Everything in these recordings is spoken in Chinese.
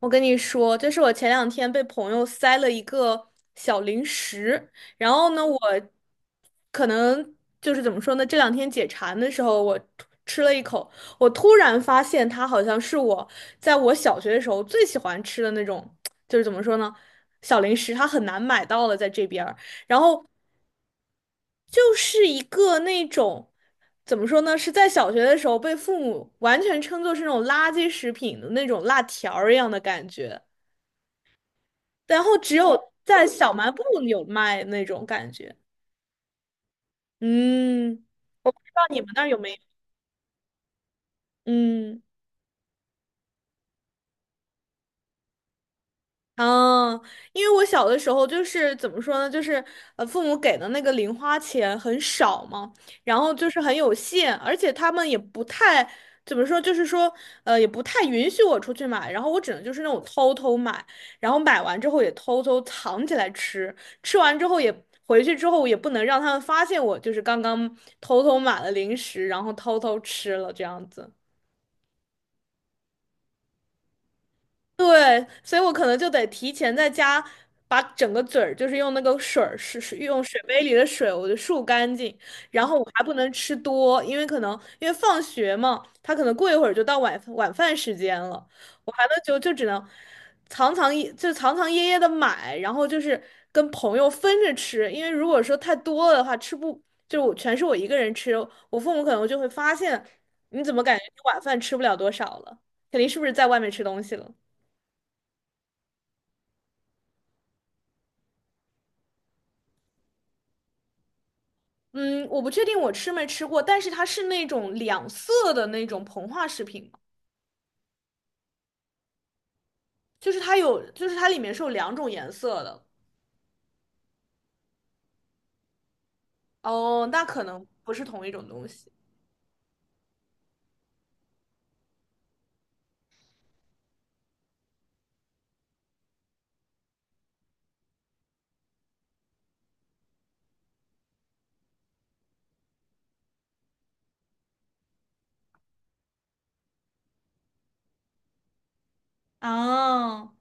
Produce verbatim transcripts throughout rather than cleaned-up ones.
我跟你说，就是我前两天被朋友塞了一个小零食。然后呢，我可能就是怎么说呢，这两天解馋的时候，我突吃了一口，我突然发现它好像是我在我小学的时候最喜欢吃的那种，就是怎么说呢，小零食，它很难买到了在这边。然后就是一个那种，怎么说呢，是在小学的时候被父母完全称作是那种垃圾食品的那种辣条儿一样的感觉，然后只有在小卖部有卖那种感觉。嗯，不知道你们那儿有没有？嗯。嗯，因为我小的时候就是怎么说呢，就是呃，父母给的那个零花钱很少嘛，然后就是很有限，而且他们也不太怎么说，就是说呃，也不太允许我出去买，然后我只能就是那种偷偷买，然后买完之后也偷偷藏起来吃，吃完之后也回去之后也不能让他们发现我就是刚刚偷偷买了零食，然后偷偷吃了这样子。对，所以我可能就得提前在家把整个嘴儿，就是用那个水儿，是是用水杯里的水，我就漱干净。然后我还不能吃多，因为可能因为放学嘛，他可能过一会儿就到晚晚饭时间了，我还能就就只能藏藏掖就藏藏掖掖的买，然后就是跟朋友分着吃，因为如果说太多了的话，吃不就我全是我一个人吃，我父母可能就会发现你怎么感觉你晚饭吃不了多少了，肯定是不是在外面吃东西了。嗯，我不确定我吃没吃过，但是它是那种两色的那种膨化食品嘛。就是它有，就是它里面是有两种颜色的。哦，那可能不是同一种东西。哦，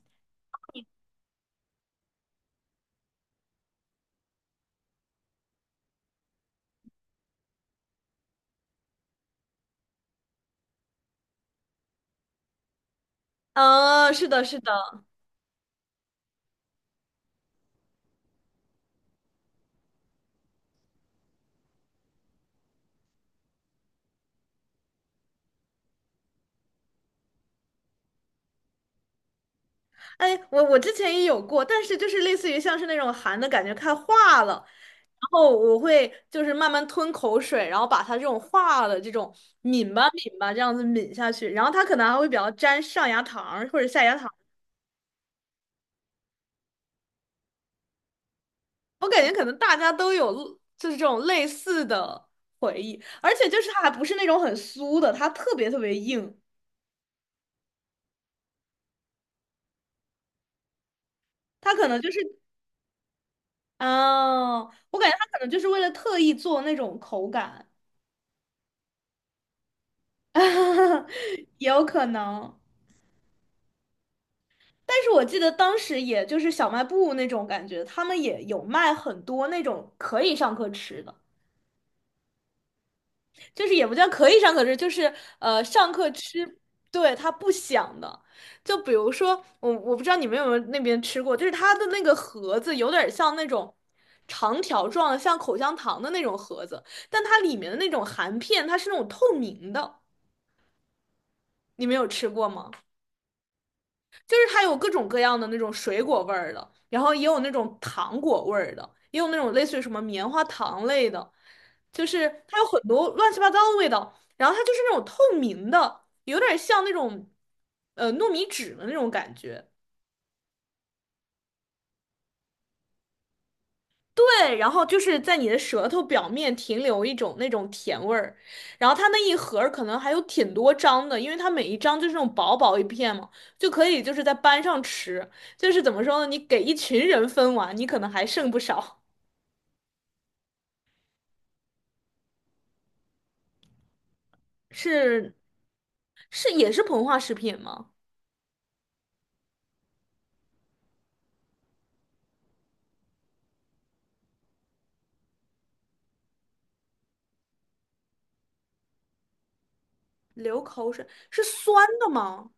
啊，是的，是的。哎，我我之前也有过，但是就是类似于像是那种含的感觉看化了，然后我会就是慢慢吞口水，然后把它这种化的这种抿吧抿吧这样子抿下去，然后它可能还会比较沾上牙膛儿或者下牙膛。我感觉可能大家都有就是这种类似的回忆，而且就是它还不是那种很酥的，它特别特别硬。它可能就是，嗯、我感觉它可能就是为了特意做那种口感，也有可能。但是我记得当时也就是小卖部那种感觉，他们也有卖很多那种可以上课吃的。就是也不叫可以上课吃，就是呃上课吃，对，它不响的。就比如说我我不知道你们有没有那边吃过，就是它的那个盒子有点像那种长条状的，像口香糖的那种盒子，但它里面的那种含片它是那种透明的。你们有吃过吗？就是它有各种各样的那种水果味儿的，然后也有那种糖果味儿的，也有那种类似于什么棉花糖类的，就是它有很多乱七八糟的味道。然后它就是那种透明的，有点像那种呃糯米纸的那种感觉。对，然后就是在你的舌头表面停留一种那种甜味儿，然后它那一盒儿可能还有挺多张的，因为它每一张就是那种薄薄一片嘛，就可以就是在班上吃，就是怎么说呢，你给一群人分完，你可能还剩不少。是，是也是膨化食品吗？流口水，是酸的吗？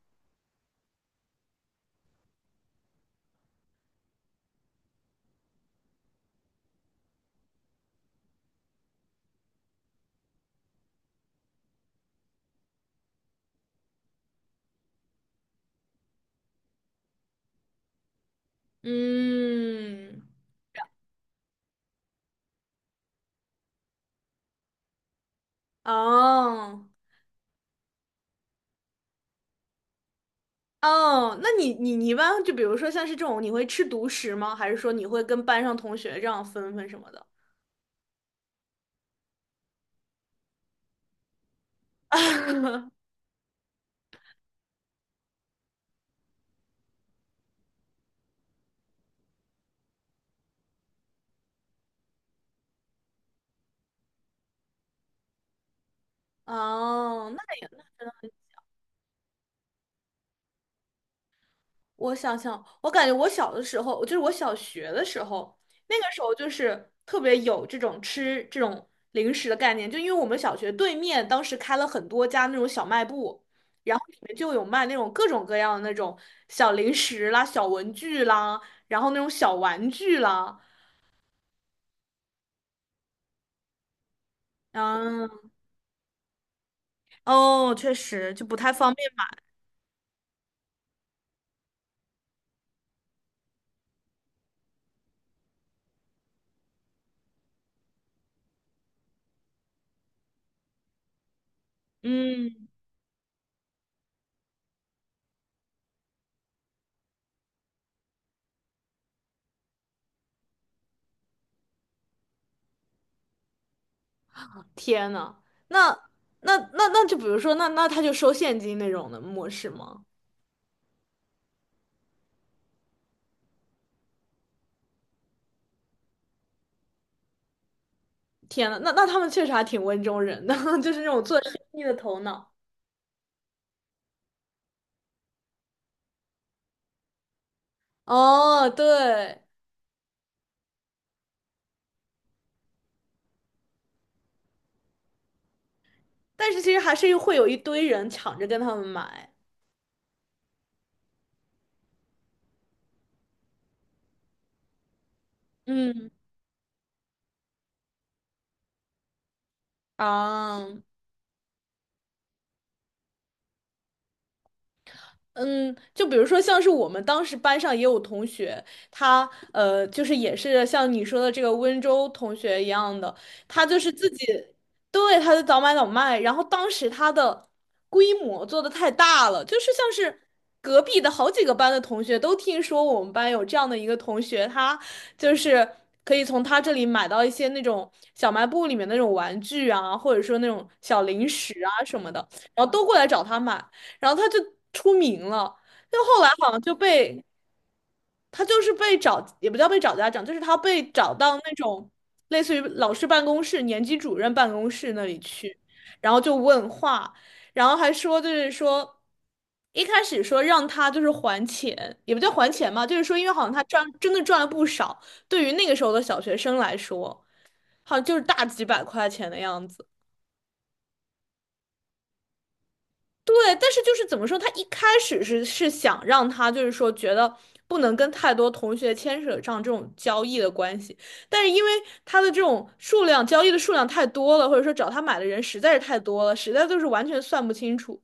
嗯，哦。哦，那你你你一般就比如说像是这种，你会吃独食吗？还是说你会跟班上同学这样分分什么的？哦，那也，我想想，我感觉我小的时候，就是我小学的时候，那个时候就是特别有这种吃这种零食的概念，就因为我们小学对面当时开了很多家那种小卖部，然后里面就有卖那种各种各样的那种小零食啦、小文具啦，然后那种小玩具啦，嗯。哦，确实就不太方便。嗯，天呐，那那那那就比如说，那那他就收现金那种的模式吗？天呐，那那他们确实还挺温州人的，就是那种做生意的头脑。哦，对，但是其实还是会有一堆人抢着跟他们买。嗯，啊。嗯，就比如说，像是我们当时班上也有同学，他呃，就是也是像你说的这个温州同学一样的，他就是自己。对，他就早买早卖，然后当时他的规模做的太大了，就是像是隔壁的好几个班的同学都听说我们班有这样的一个同学，他就是可以从他这里买到一些那种小卖部里面那种玩具啊，或者说那种小零食啊什么的，然后都过来找他买。然后他就出名了，就后来好像就被他就是被找，也不叫被找家长，就是他被找到那种类似于老师办公室、年级主任办公室那里去，然后就问话，然后还说就是说。一开始说让他就是还钱，也不叫还钱嘛，就是说因为好像他赚真的赚了不少，对于那个时候的小学生来说，好像就是大几百块钱的样子。对，但是就是怎么说，他一开始是是想让他就是说觉得不能跟太多同学牵扯上这种交易的关系，但是因为他的这种数量交易的数量太多了，或者说找他买的人实在是太多了，实在就是完全算不清楚。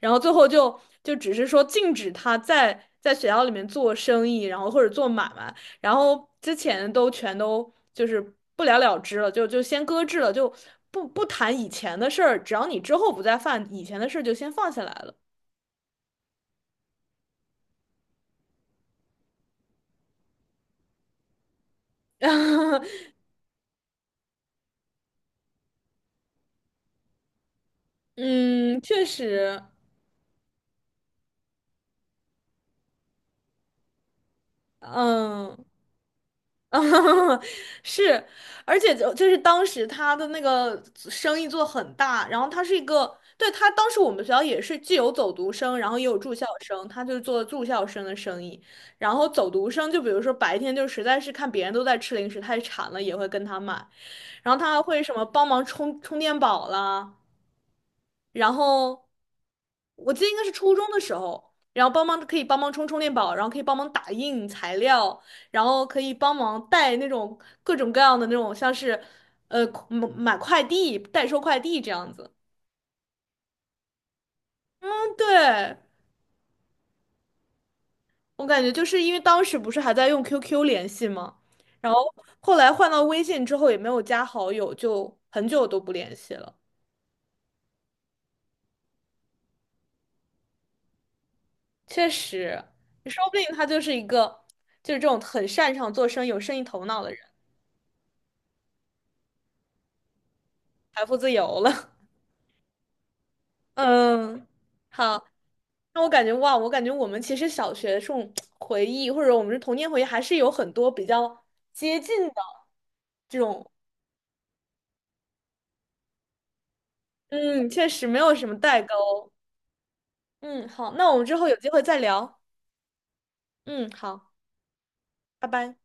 然后最后就就只是说禁止他在在学校里面做生意，然后或者做买卖，然后之前都全都就是不了了之了，就就先搁置了，就不不谈以前的事儿，只要你之后不再犯以前的事儿，就先放下来了。嗯，确实，嗯，啊，是，而且就就是当时他的那个生意做很大，然后他是一个，对，他当时我们学校也是既有走读生，然后也有住校生，他就做住校生的生意，然后走读生就比如说白天就实在是看别人都在吃零食太馋了，也会跟他买，然后他还会什么帮忙充充电宝啦，然后我记得应该是初中的时候，然后帮忙可以帮忙充充电宝，然后可以帮忙打印材料，然后可以帮忙带那种各种各样的那种像是呃买买快递、代收快递这样子。嗯，对，我感觉就是因为当时不是还在用 Q Q 联系吗？然后后来换到微信之后也没有加好友，就很久都不联系了。确实，说不定他就是一个就是这种很擅长做生意、有生意头脑的人。财富自由了。嗯，好。那我感觉哇，我感觉我们其实小学这种回忆，或者我们的童年回忆，还是有很多比较接近的这种。嗯，确实没有什么代沟。嗯，好，那我们之后有机会再聊。嗯，好，拜拜。